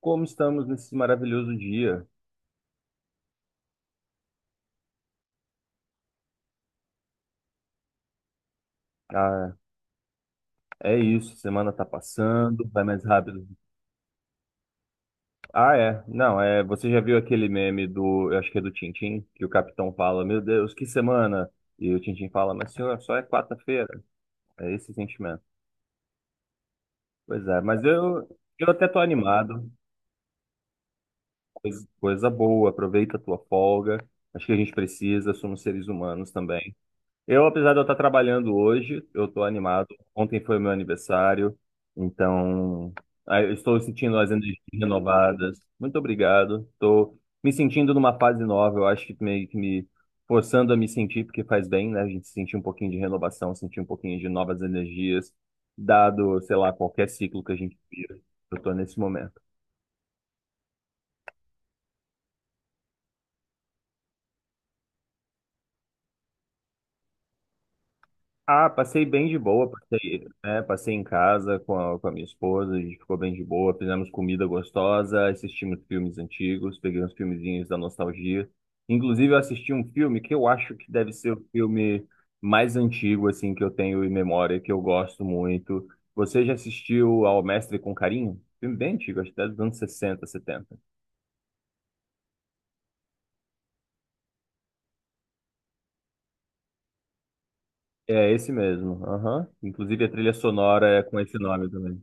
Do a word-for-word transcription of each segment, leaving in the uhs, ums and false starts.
Como estamos nesse maravilhoso dia? Ah, é isso, semana tá passando, vai mais rápido. Ah, é. Não, é, você já viu aquele meme do, eu acho que é do Tintim, que o capitão fala: "Meu Deus, que semana!" E o Tintim fala: "Mas senhor, só é quarta-feira." É esse sentimento. Pois é, mas eu eu até tô animado. Coisa, coisa boa, aproveita a tua folga. Acho que a gente precisa, somos seres humanos também. Eu, apesar de eu estar trabalhando hoje, eu estou animado. Ontem foi meu aniversário, então ah, eu estou sentindo as energias renovadas. Muito obrigado. Estou me sentindo numa fase nova. Eu acho que meio que me forçando a me sentir, porque faz bem, né? A gente sentir um pouquinho de renovação, sentir um pouquinho de novas energias, dado, sei lá, qualquer ciclo que a gente vive. Eu estou nesse momento. Ah, passei bem de boa, passei, né, passei em casa com a, com a minha esposa, a gente ficou bem de boa, fizemos comida gostosa, assistimos filmes antigos, peguei uns filmezinhos da nostalgia. Inclusive, eu assisti um filme que eu acho que deve ser o filme mais antigo, assim, que eu tenho em memória, que eu gosto muito. Você já assistiu ao Mestre com Carinho? Filme bem antigo, acho que é dos anos sessenta, setenta. É esse mesmo, aham. Inclusive, a trilha sonora é com esse nome também.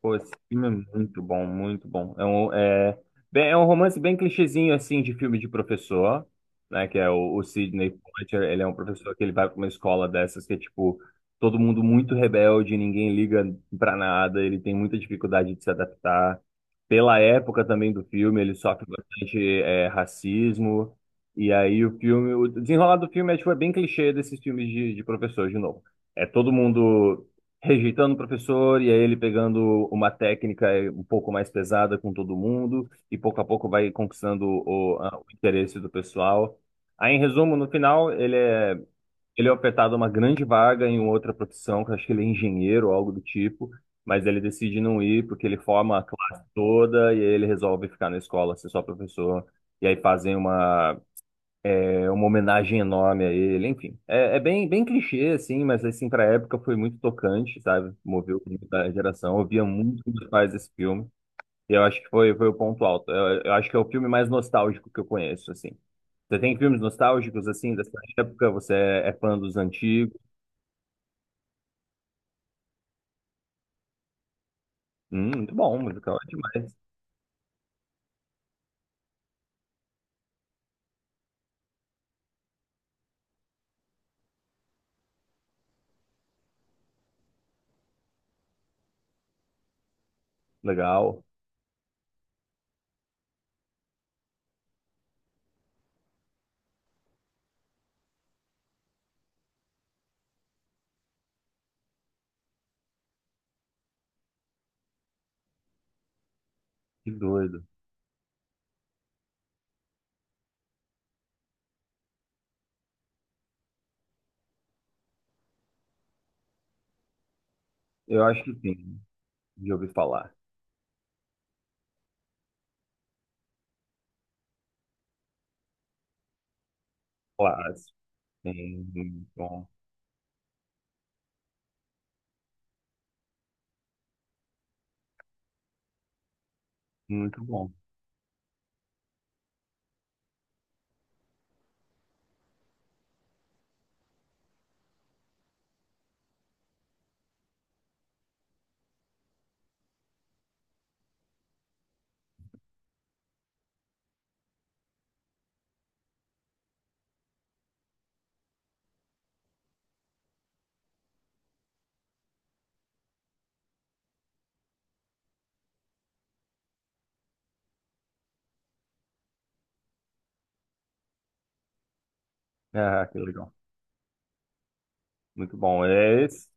Pô, esse filme é muito bom, muito bom. É um, é, bem, é um romance bem clichêzinho, assim, de filme de professor, né? Que é o, o Sidney Poitier, ele é um professor que ele vai pra uma escola dessas que é, tipo, todo mundo muito rebelde, ninguém liga pra nada, ele tem muita dificuldade de se adaptar. Pela época também do filme, ele sofre bastante, é, racismo. E aí o filme, o desenrolar do filme é, tipo, é bem clichê desses filmes de, de professor, de novo. É todo mundo rejeitando o professor e aí ele pegando uma técnica eh, um pouco mais pesada com todo mundo e pouco a pouco vai conquistando o, a- o interesse do pessoal. Aí, em resumo, no final, ele é, ele é ofertado uma grande vaga em outra profissão, que eu acho que ele é engenheiro ou algo do tipo, mas ele decide não ir porque ele forma a classe toda e aí ele resolve ficar na escola, ser só professor, e aí fazem uma é uma homenagem enorme a ele, enfim. É, é bem, bem clichê, assim, mas assim, pra época foi muito tocante, sabe? Moveu muita geração. Eu via muito com meus pais esse filme. E eu acho que foi, foi o ponto alto. Eu, eu acho que é o filme mais nostálgico que eu conheço, assim. Você tem filmes nostálgicos, assim, dessa época? Você é, é fã dos antigos? Hum, muito bom, musical é demais. Legal. Que doido. Eu acho que sim, de ouvir falar. Clássico. Sim, muito bom. Muito bom. Ah, que legal. Muito bom. É esse.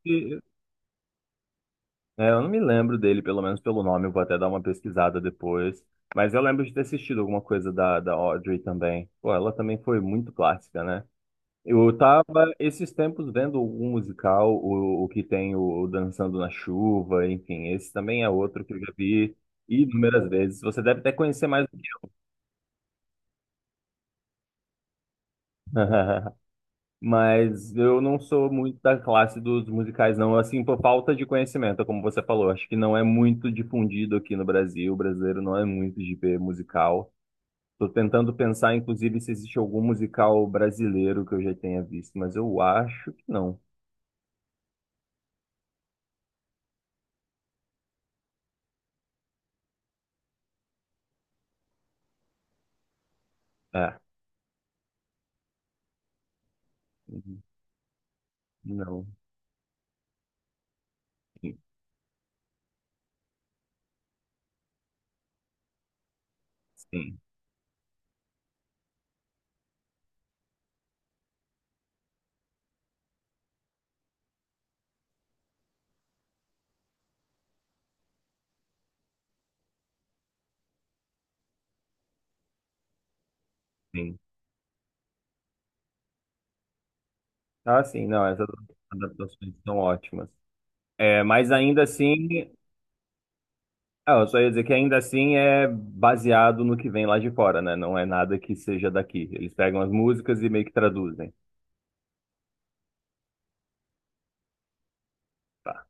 É, eu não me lembro dele, pelo menos pelo nome, eu vou até dar uma pesquisada depois. Mas eu lembro de ter assistido alguma coisa da, da Audrey também. Pô, ela também foi muito clássica, né? Eu tava esses tempos vendo um musical, o, o que tem o Dançando na Chuva, enfim, esse também é outro que eu já vi inúmeras vezes. Você deve até conhecer mais do que eu. Mas eu não sou muito da classe dos musicais, não. Assim, por falta de conhecimento, como você falou. Acho que não é muito difundido aqui no Brasil. O brasileiro não é muito de ver musical. Tô tentando pensar, inclusive, se existe algum musical brasileiro que eu já tenha visto, mas eu acho que não. É, uhum, não. Sim, sim. sim. Ah, sim, não. Essas adaptações são ótimas. É, mas ainda assim. Ah, eu só ia dizer que ainda assim é baseado no que vem lá de fora, né? Não é nada que seja daqui. Eles pegam as músicas e meio que traduzem. Tá.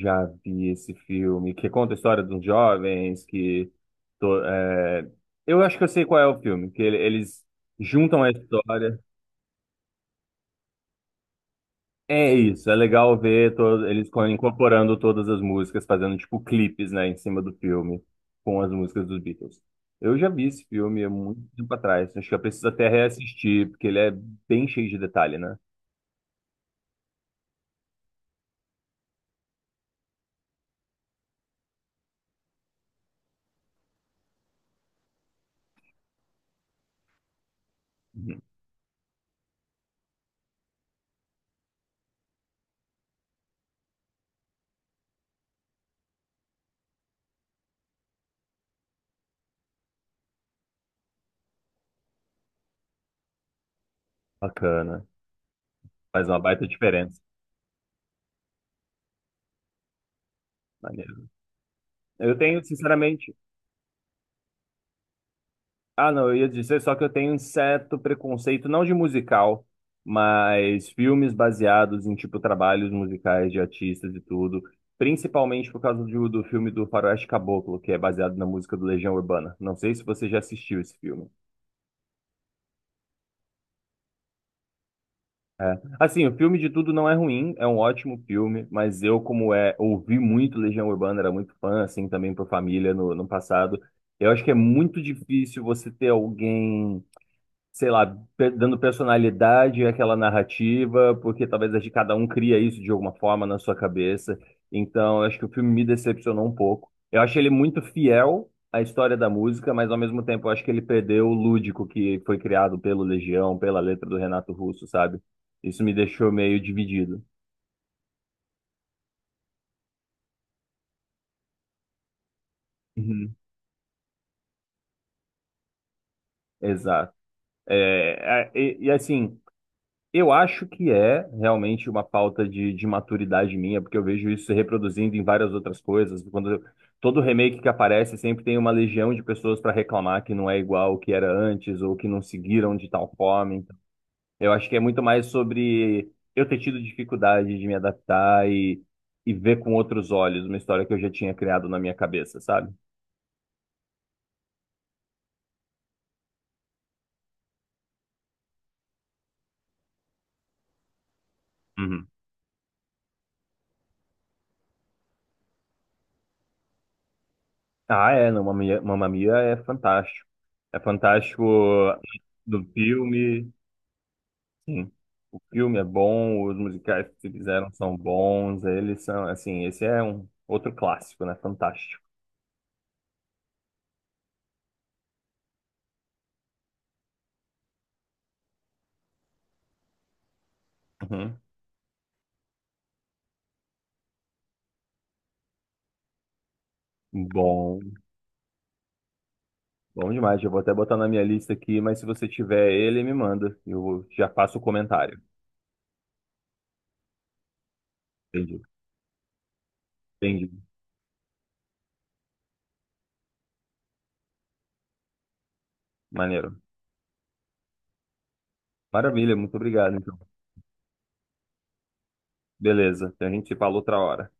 Já vi esse filme que conta a história de uns jovens que. to- é, Eu acho que eu sei qual é o filme, que ele- eles juntam a história. É isso, é legal ver to- eles co- incorporando todas as músicas, fazendo tipo clipes, né, em cima do filme, com as músicas dos Beatles. Eu já vi esse filme há muito tempo atrás, acho que eu preciso até reassistir, porque ele é bem cheio de detalhe, né? Uhum. Bacana, faz uma baita diferença. Maneiro. Eu tenho, sinceramente, Ah, não, eu ia dizer só que eu tenho um certo preconceito, não de musical, mas filmes baseados em, tipo, trabalhos musicais de artistas e tudo. Principalmente por causa do, do filme do Faroeste Caboclo, que é baseado na música do Legião Urbana. Não sei se você já assistiu esse filme. Assim, o filme de tudo não é ruim, é um ótimo filme, mas eu, como é, ouvi muito Legião Urbana, era muito fã, assim, também por família no, no passado. Eu acho que é muito difícil você ter alguém. Sei lá, pe- dando personalidade àquela narrativa, porque talvez a de cada um cria isso de alguma forma na sua cabeça. Então, eu acho que o filme me decepcionou um pouco. Eu achei ele muito fiel à história da música, mas ao mesmo tempo eu acho que ele perdeu o lúdico que foi criado pelo Legião, pela letra do Renato Russo, sabe? Isso me deixou meio dividido. Uhum. Exato. É, a- e, e, assim, Eu acho que é realmente uma falta de, de maturidade minha, porque eu vejo isso se reproduzindo em várias outras coisas. Quando eu- todo remake que aparece, sempre tem uma legião de pessoas para reclamar que não é igual o que era antes ou que não seguiram de tal forma. Então, eu acho que é muito mais sobre eu ter tido dificuldade de me adaptar e, e ver com outros olhos uma história que eu já tinha criado na minha cabeça, sabe? Uhum. Ah, é, não, Mamma Mia Mamma Mia é fantástico. É fantástico do filme. Sim. O filme é bom, os musicais que se fizeram são bons, eles são, assim, esse é um outro clássico, né? Fantástico. Uhum. Bom, bom demais. Eu vou até botar na minha lista aqui, mas se você tiver ele, me manda. Eu já faço o comentário. Entendi. Entendi. Maneiro. Maravilha, muito obrigado, então. Beleza, então a gente se fala outra hora.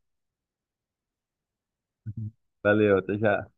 Valeu, até já.